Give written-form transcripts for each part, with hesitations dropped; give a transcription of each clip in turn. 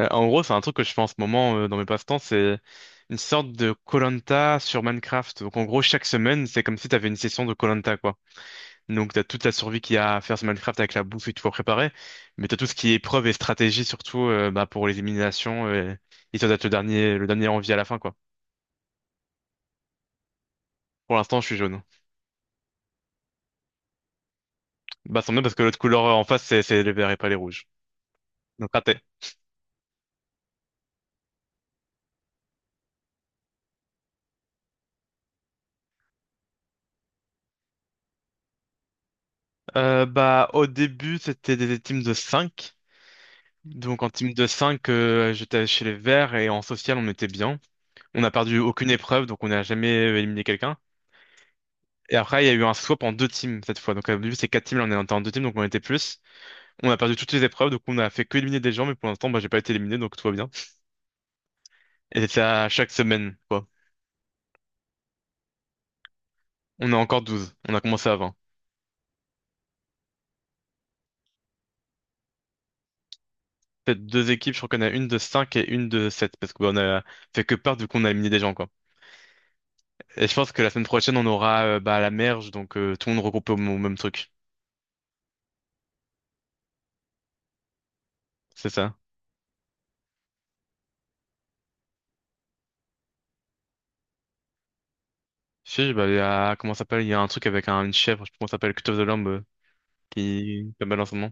En gros, c'est un truc que je fais en ce moment dans mes passe-temps, c'est une sorte de koh sur Minecraft. Donc en gros, chaque semaine, c'est comme si t'avais une session de koh quoi. Donc t'as toute la survie qu'il y a à faire sur Minecraft avec la bouffe et tout à préparer, mais t'as tout ce qui est épreuve et stratégie surtout bah, pour les éliminations histoire d'être le dernier en vie à la fin, quoi. Pour l'instant, je suis jaune. Bah sans doute parce que l'autre couleur en face, c'est les verts et pas les rouges. Donc raté. Bah au début, c'était des teams de 5. Donc en team de 5, j'étais chez les verts et en social, on était bien. On n'a perdu aucune épreuve, donc on n'a jamais éliminé quelqu'un. Et après, il y a eu un swap en deux teams cette fois. Donc, au début, c'est quatre teams, là, on était en deux teams, donc on était plus. On a perdu toutes les épreuves, donc on a fait que éliminer des gens, mais pour l'instant, bah, j'ai pas été éliminé, donc tout va bien. Et c'est à chaque semaine, quoi. On a encore 12. On a commencé à 20. Peut-être deux équipes, je crois qu'on a une de 5 et une de 7 parce qu'on a fait que part, du coup, on a éliminé des gens, quoi. Et je pense que la semaine prochaine, on aura bah, la merge, donc tout le monde regroupé au au même truc. C'est ça. Si, bah, il y a, comment ça s'appelle? Il y a un truc avec une chèvre, je sais plus comment ça s'appelle, Cut of the Lamb, qui est belle en ce moment.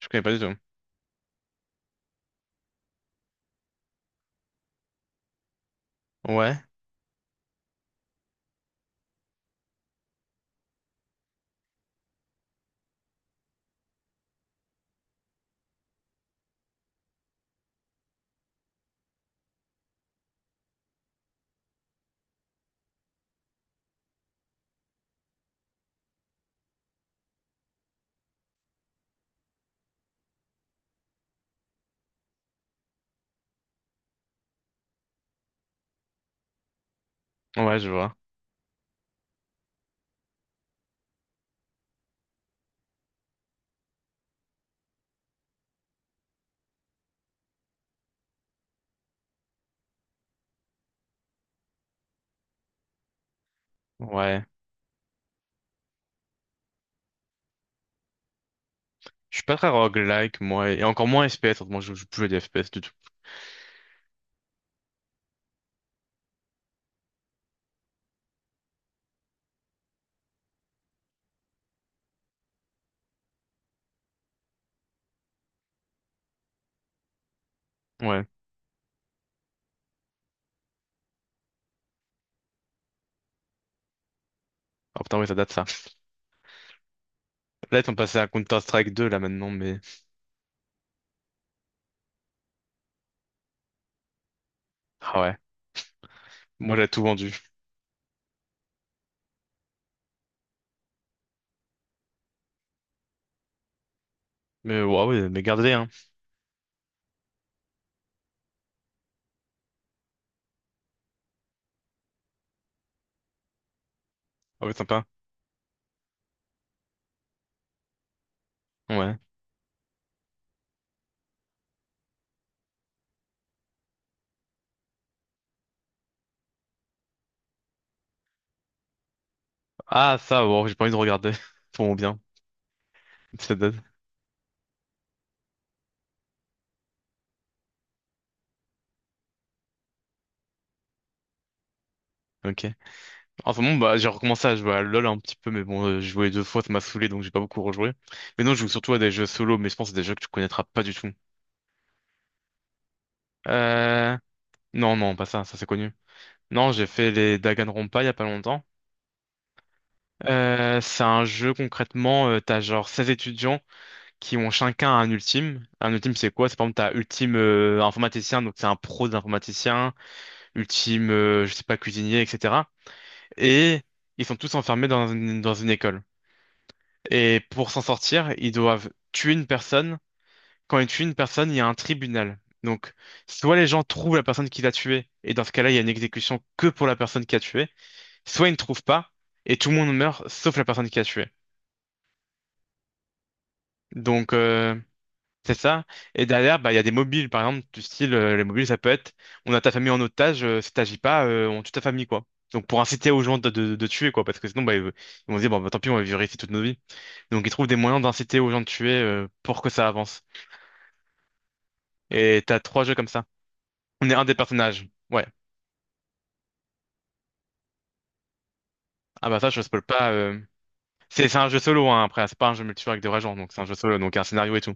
Je connais pas du tout. Ouais, ouais, je vois. Ouais. Je suis pas très roguelike, moi, et encore moins FPS. Moi, je joue plus à des FPS du tout. Ouais. Oh putain, oui, ça date ça. Là, ils sont passés à Counter-Strike 2, là, maintenant, mais. Ah ouais. Moi, j'ai tout vendu. Mais, ouais, ouais, mais gardez-les, hein. Ah ouais, sympa. Ouais. Ah, ça, wow, j'ai pas envie de regarder. Pour mon bien. Ça date. Ok. En ce moment, bah, j'ai recommencé à jouer à LoL un petit peu, mais bon, j'ai joué deux fois, ça m'a saoulé, donc j'ai pas beaucoup rejoué. Mais non, je joue surtout à des jeux solo, mais je pense que c'est des jeux que tu connaîtras pas du tout. Euh, Non, non, pas ça, ça c'est connu. Non, j'ai fait les Danganronpa il y a pas longtemps. C'est un jeu concrètement, t'as genre 16 étudiants qui ont chacun un ultime. Un ultime c'est quoi? C'est par exemple t'as ultime informaticien, donc c'est un pro d'informaticien, ultime je sais pas cuisinier, etc. Et ils sont tous enfermés dans une école. Et pour s'en sortir, ils doivent tuer une personne. Quand ils tuent une personne, il y a un tribunal. Donc soit les gens trouvent la personne qui l'a tuée, et dans ce cas-là, il y a une exécution que pour la personne qui a tué, soit ils ne trouvent pas, et tout le monde meurt, sauf la personne qui a tué. Donc, c'est ça. Et derrière, bah, il y a des mobiles, par exemple, du style, les mobiles, ça peut être, on a ta famille en otage, si t'agis pas, on tue ta famille, quoi. Donc, pour inciter aux gens de tuer, quoi, parce que sinon, bah, ils vont se dire, bon, bah, tant pis, on va vivre ici toute nos vies. Donc, ils trouvent des moyens d'inciter aux gens de tuer, pour que ça avance. Et t'as trois jeux comme ça. On est un des personnages. Ouais. Ah bah ça, je spoil pas. C'est un jeu solo, hein, après, c'est pas un jeu multijoueur avec des vrais gens, donc c'est un jeu solo, donc il y a un scénario et tout.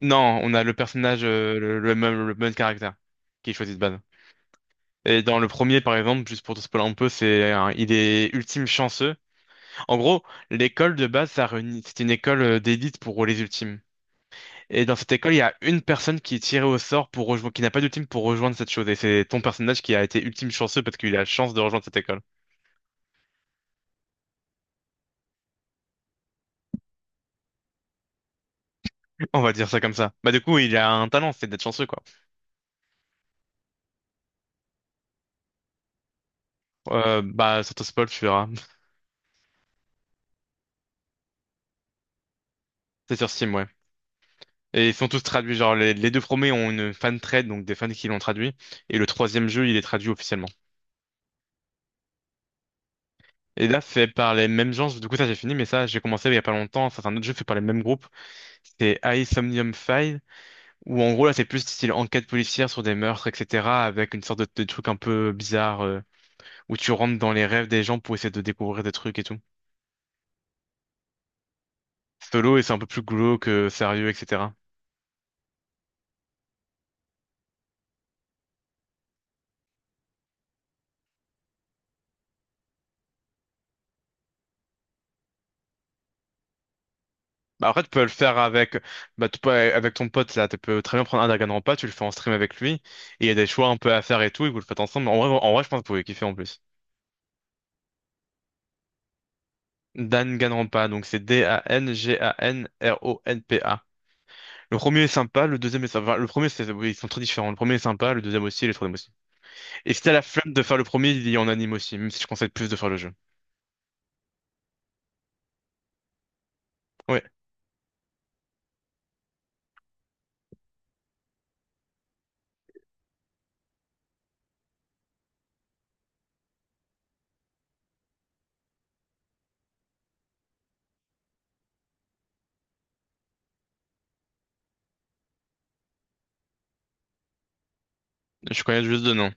Non, on a le personnage, le même caractère qui est choisi de base. Et dans le premier, par exemple, juste pour te spoiler un peu, il est ultime chanceux. En gros, l'école de base, ça réunit, c'est une école d'élite pour les ultimes. Et dans cette école, il y a une personne qui est tirée au sort pour rejoindre, qui n'a pas d'ultime pour rejoindre cette chose. Et c'est ton personnage qui a été ultime chanceux parce qu'il a la chance de rejoindre cette école. On va dire ça comme ça. Bah du coup, il a un talent, c'est d'être chanceux quoi. Bah, sans te spoil, tu verras. C'est sur Steam, ouais. Et ils sont tous traduits. Genre, les deux premiers ont une fan trade, donc des fans qui l'ont traduit. Et le troisième jeu, il est traduit officiellement. Et là, fait par les mêmes gens. Du coup, ça, j'ai fini, mais ça, j'ai commencé il y a pas longtemps. Ça, c'est un autre jeu fait par les mêmes groupes. C'est Somnium File, où en gros, là, c'est plus style enquête policière sur des meurtres, etc. Avec une sorte de truc un peu bizarre, où tu rentres dans les rêves des gens pour essayer de découvrir des trucs et tout. Solo et c'est un peu plus glauque, sérieux, etc. Bah, après, tu peux le faire avec, bah, tu peux, avec ton pote, là. Tu peux très bien prendre un Dragon Rampa, tu le fais en stream avec lui. Et il y a des choix un peu à faire et tout, et vous le faites ensemble. En vrai, je pense que vous pouvez kiffer en plus. Danganronpa, donc c'est D-A-N-G-A-N-R-O-N-P-A. Le premier est sympa, le deuxième est sympa. Enfin, le premier, c'est, oui, ils sont très différents. Le premier est sympa, le deuxième aussi, et le troisième aussi. Et si t'as la flemme de faire le premier, il y en anime aussi, même si je conseille plus de faire le jeu. Ouais, je connais juste deux noms.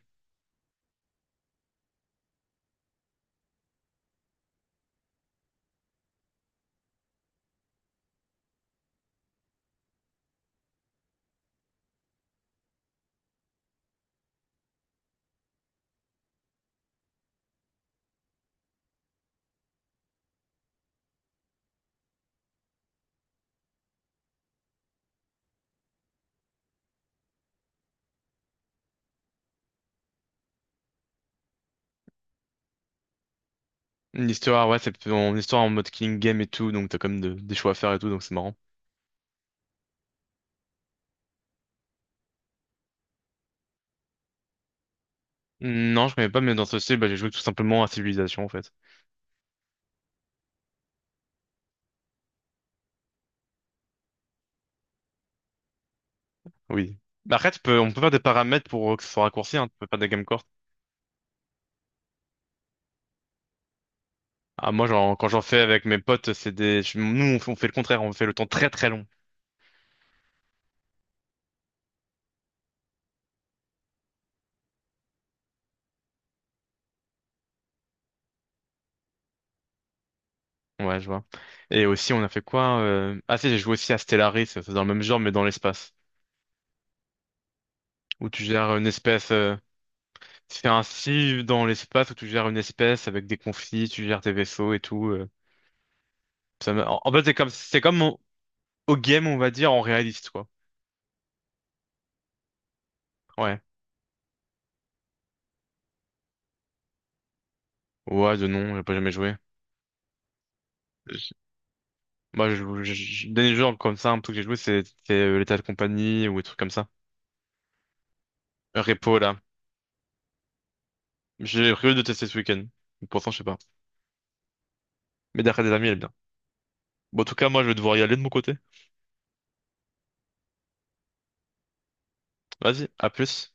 Une histoire, ouais, c'est plutôt une histoire en mode killing game et tout, donc t'as quand même des choix à faire et tout, donc c'est marrant. Non, je connais pas, mais dans ce style, bah, j'ai joué tout simplement à Civilization, en fait. Oui. Bah, après, on peut faire des paramètres pour que ce soit raccourci, hein, tu peux faire des games courtes. Ah, moi, genre, quand j'en fais avec mes potes, Nous, on fait le contraire, on fait le temps très très long. Ouais, je vois. Et aussi, on a fait quoi? Ah si, j'ai joué aussi à Stellaris, c'est dans le même genre, mais dans l'espace. Où tu gères une espèce... C'est ainsi dans l'espace où tu gères une espèce avec des conflits, tu gères tes vaisseaux et tout. En fait, c'est comme au game, on va dire, en réaliste, quoi. Ouais. Ouais, de non, j'ai pas jamais joué. Je- Moi, dernier jeu comme ça, un truc que j'ai joué, c'est, l'état de compagnie ou des trucs comme ça. Repo, là. J'ai prévu de tester ce week-end. Pourtant, je sais pas. Mais d'après des amis, elle est bien. Bon, en tout cas, moi, je vais devoir y aller de mon côté. Vas-y, à plus.